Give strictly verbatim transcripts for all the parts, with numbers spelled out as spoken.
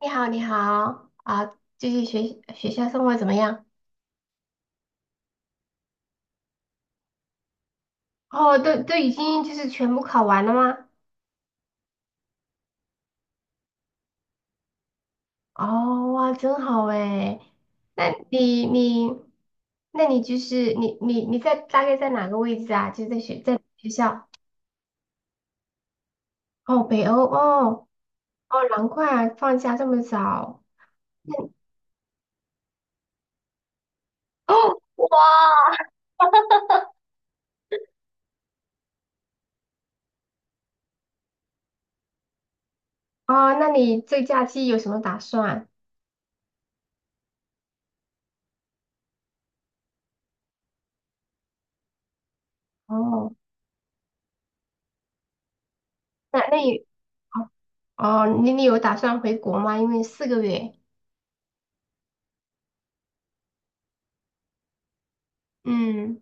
你好，你好啊，最近学学校生活怎么样？哦，都都已经就是全部考完了吗？哦，哇，真好诶。那你你，那你就是你你你在大概在哪个位置啊？就是在学在学校？哦，北欧哦。哦，难怪啊放假这么早。那你。哦。哇。哦，那你这假期有什么打算？哦，那那你哦。哦，你你有打算回国吗？因为四个月。嗯。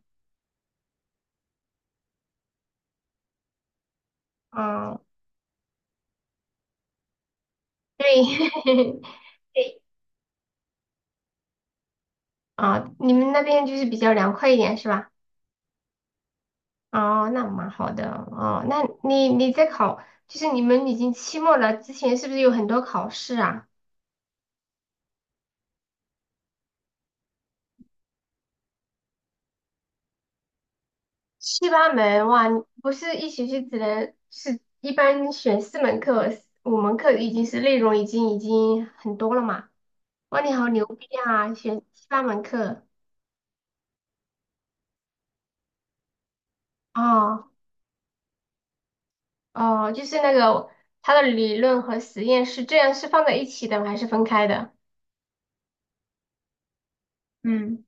哦，对。对。啊，你们那边就是比较凉快一点是吧？哦，那蛮好的。哦，那你你在考，就是你们已经期末了，之前是不是有很多考试啊？七八门哇，你不是一学期只能是一般选四门课，五门课已经是内容已经已经很多了嘛？哇，你好牛逼啊，选七八门课。哦。哦，就是那个它的理论和实验是这样是放在一起的吗还是分开的？嗯。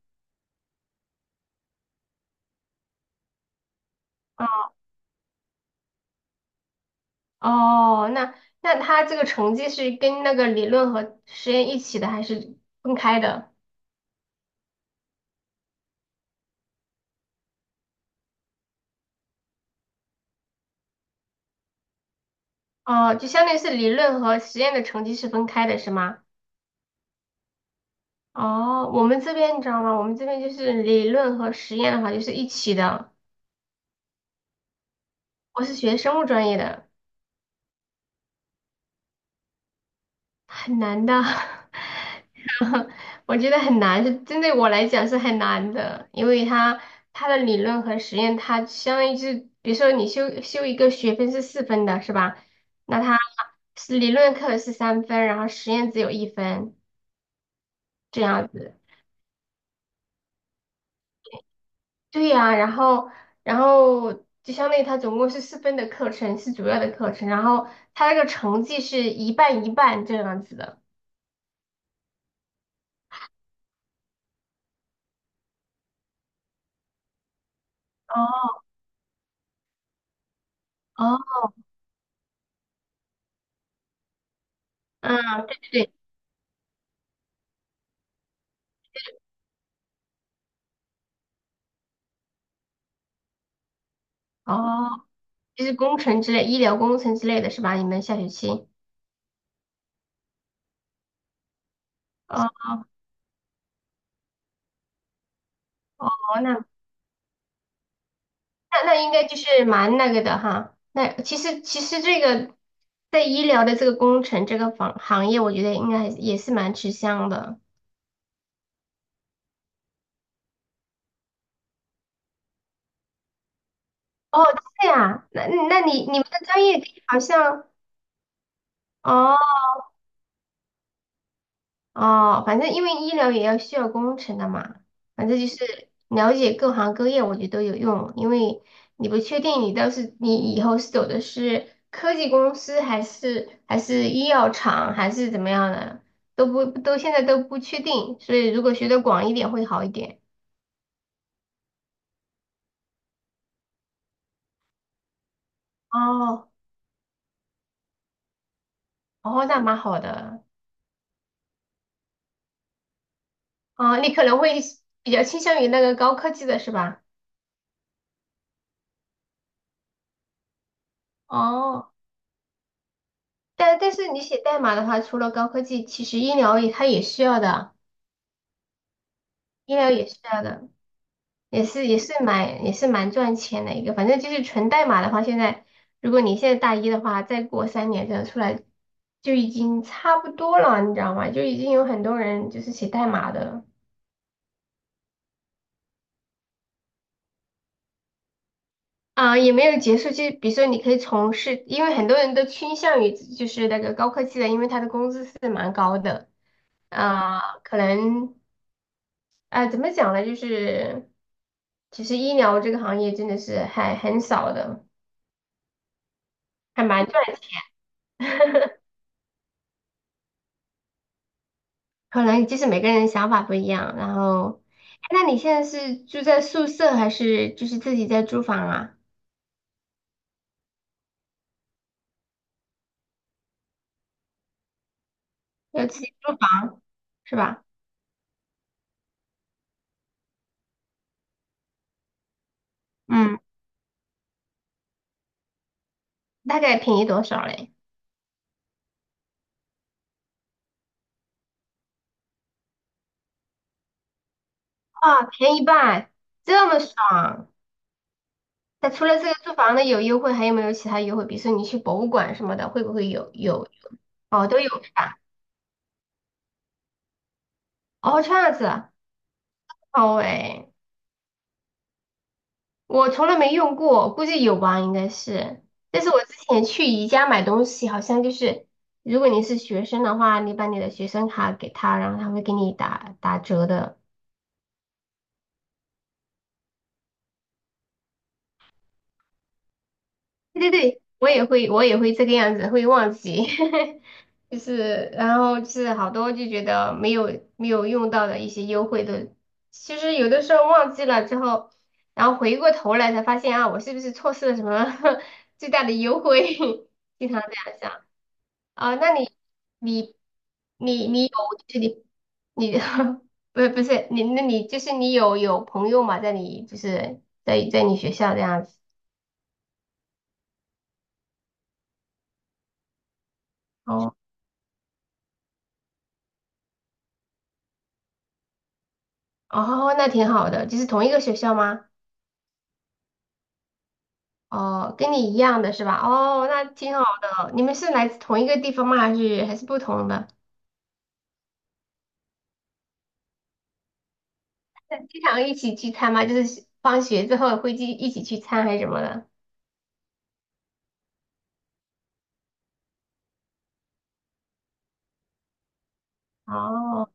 哦，那那他这个成绩是跟那个理论和实验一起的，还是分开的？哦，就相当于是理论和实验的成绩是分开的，是吗？哦，我们这边你知道吗？我们这边就是理论和实验的话就是一起的。我是学生物专业的。很难的。我觉得很难，是针对我来讲是很难的，因为它它的理论和实验，它相当于是，比如说你修修一个学分是四分的，是吧？那它是理论课是三分，然后实验只有一分这样子。对呀、然后。然后就相当于它总共是四分的课程是主要的课程，然后它那个成绩是一半一半这样子的。哦。哦。嗯，对对对。哦。就是工程之类、医疗工程之类的是吧？你们下学期。哦。哦，那那那应该就是蛮那个的哈。那其实其实这个在医疗的这个工程这个行行业，我觉得应该还是也是蛮吃香的。哦，这样，那那你你们的专业好像。哦。哦，反正因为医疗也要需要工程的嘛，反正就是了解各行各业，我觉得都有用。因为你不确定你到是你以后是走的是科技公司，还是还是医药厂，还是怎么样的，都不都现在都不确定。所以如果学的广一点会好一点。哦。哦，那蛮好的。哦，你可能会比较倾向于那个高科技的是吧？哦，但但是你写代码的话，除了高科技，其实医疗也它也需要的。医疗也是这样的，也是也是蛮也是蛮赚钱的一个，反正就是纯代码的话，现在如果你现在大一的话，再过三年这样出来就已经差不多了，你知道吗？就已经有很多人就是写代码的了。啊、也没有结束。就比如说你可以从事，因为很多人都倾向于就是那个高科技的，因为他的工资是蛮高的。啊、可能。啊、怎么讲呢？就是其实医疗这个行业真的是还很少的，还蛮赚钱。可能就是每个人想法不一样。然后，哎那你现在是住在宿舍还是就是自己在租房啊？要自己租房是吧？嗯，大概便宜多少嘞？啊，便宜一半，这么爽！那除了这个租房的有优惠，还有没有其他优惠？比如说你去博物馆什么的，会不会有有？哦，都有是吧？哦，这样子啊，好诶。我从来没用过，估计有吧，应该是。但是我之前去宜家买东西，好像就是，如果你是学生的话，你把你的学生卡给他，然后他会给你打打折的。对对对，我也会，我也会这个样子，会忘记。就是，然后就是好多就觉得没有没有用到的一些优惠的，其实有的时候忘记了之后，然后回过头来才发现啊，我是不是错失了什么 最大的优惠？经常这样想。啊，那你你你你有就是你你 不是不是你那你就是你有有朋友嘛，在你就是在在你学校这样子。哦。哦，那挺好的，就是同一个学校吗？哦，跟你一样的是吧？哦，那挺好的。你们是来自同一个地方吗？还是还是不同的？那经常一起聚餐吗？就是放学之后会去一起聚餐还是什么的？哦。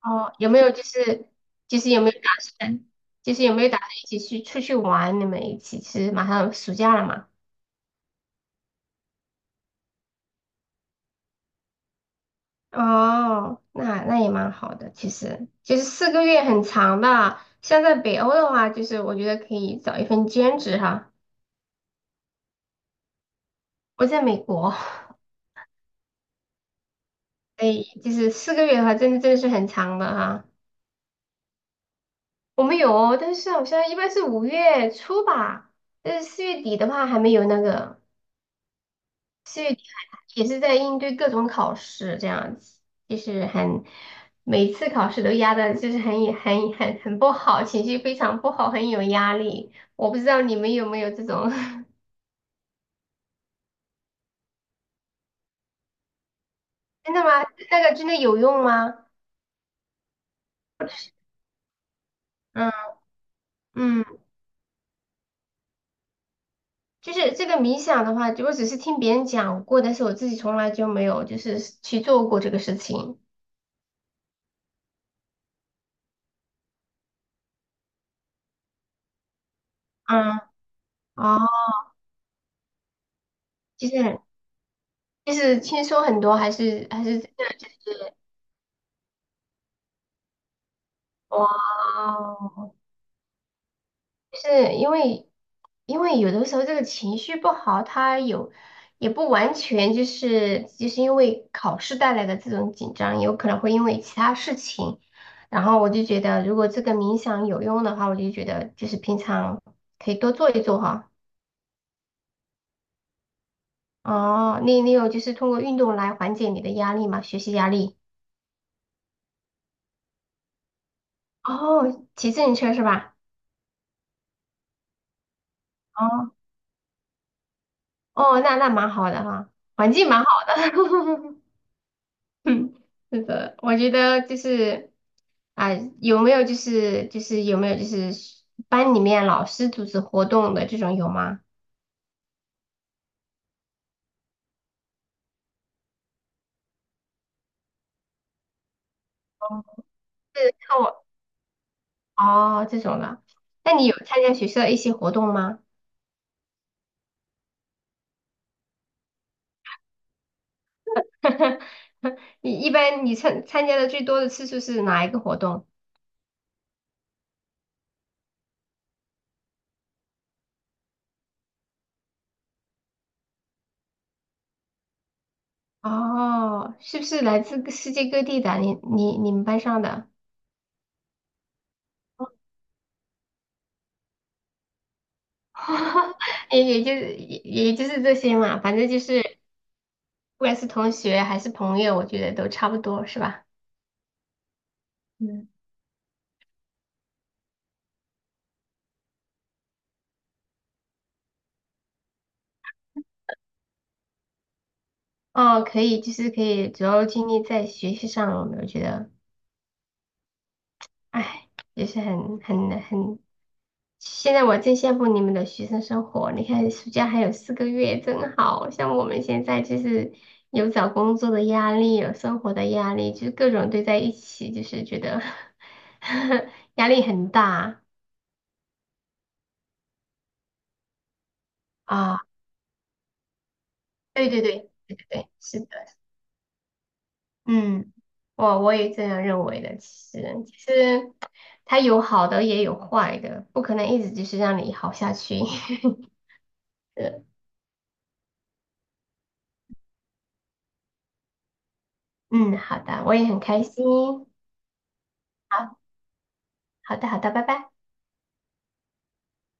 哦，有没有就是就是有没有打算，就是有没有打算一起去出去玩？你们一起是马上暑假了嘛？哦，那那也蛮好的，其实就是四个月很长的。像在北欧的话，就是我觉得可以找一份兼职哈。我在美国，所以就是四个月的话，真的真的是很长的哈。我们有哦，但是好像一般是五月初吧，但是四月底的话还没有那个。也是在应对各种考试这样子，就是很每次考试都压的，就是很很很很不好，情绪非常不好，很有压力。我不知道你们有没有这种。真的吗？那个真的有用吗？嗯嗯。就是这个冥想的话，我只是听别人讲过，但是我自己从来就没有就是去做过这个事情。嗯。哦，就是就是轻松很多还是还是真的就是。哇。是因为，因为有的时候这个情绪不好，他有也不完全就是就是因为考试带来的这种紧张，有可能会因为其他事情。然后我就觉得，如果这个冥想有用的话，我就觉得就是平常可以多做一做哈。哦，你你有就是通过运动来缓解你的压力嘛？学习压力？哦，骑自行车是吧？哦。哦，那那蛮好的哈，环境蛮好的。嗯，是的，我觉得就是。啊、有没有就是就是有没有就是班里面老师组织活动的这种有吗？是课我。哦这种的。那你有参加学校的一些活动吗？你一般你参参加的最多的次数是哪一个活动？哦，是不是来自各世界各地的？你你你们班上的。也也就是也也就是这些嘛，反正就是。不管是同学还是朋友，我觉得都差不多，是吧？嗯。哦，可以，就是可以主要精力在学习上了。我觉得，哎，也是很很很。现在我真羡慕你们的学生生活。你看，暑假还有四个月，真好。像我们现在就是有找工作的压力，有生活的压力，就是各种堆在一起，就是觉得 压力很大。啊。对对对，对对对，是的。嗯，我我也这样认为的。其实，其实它有好的也有坏的，不可能一直就是让你好下去。是。嗯，好的，我也很开心。好，好的，好的，拜拜。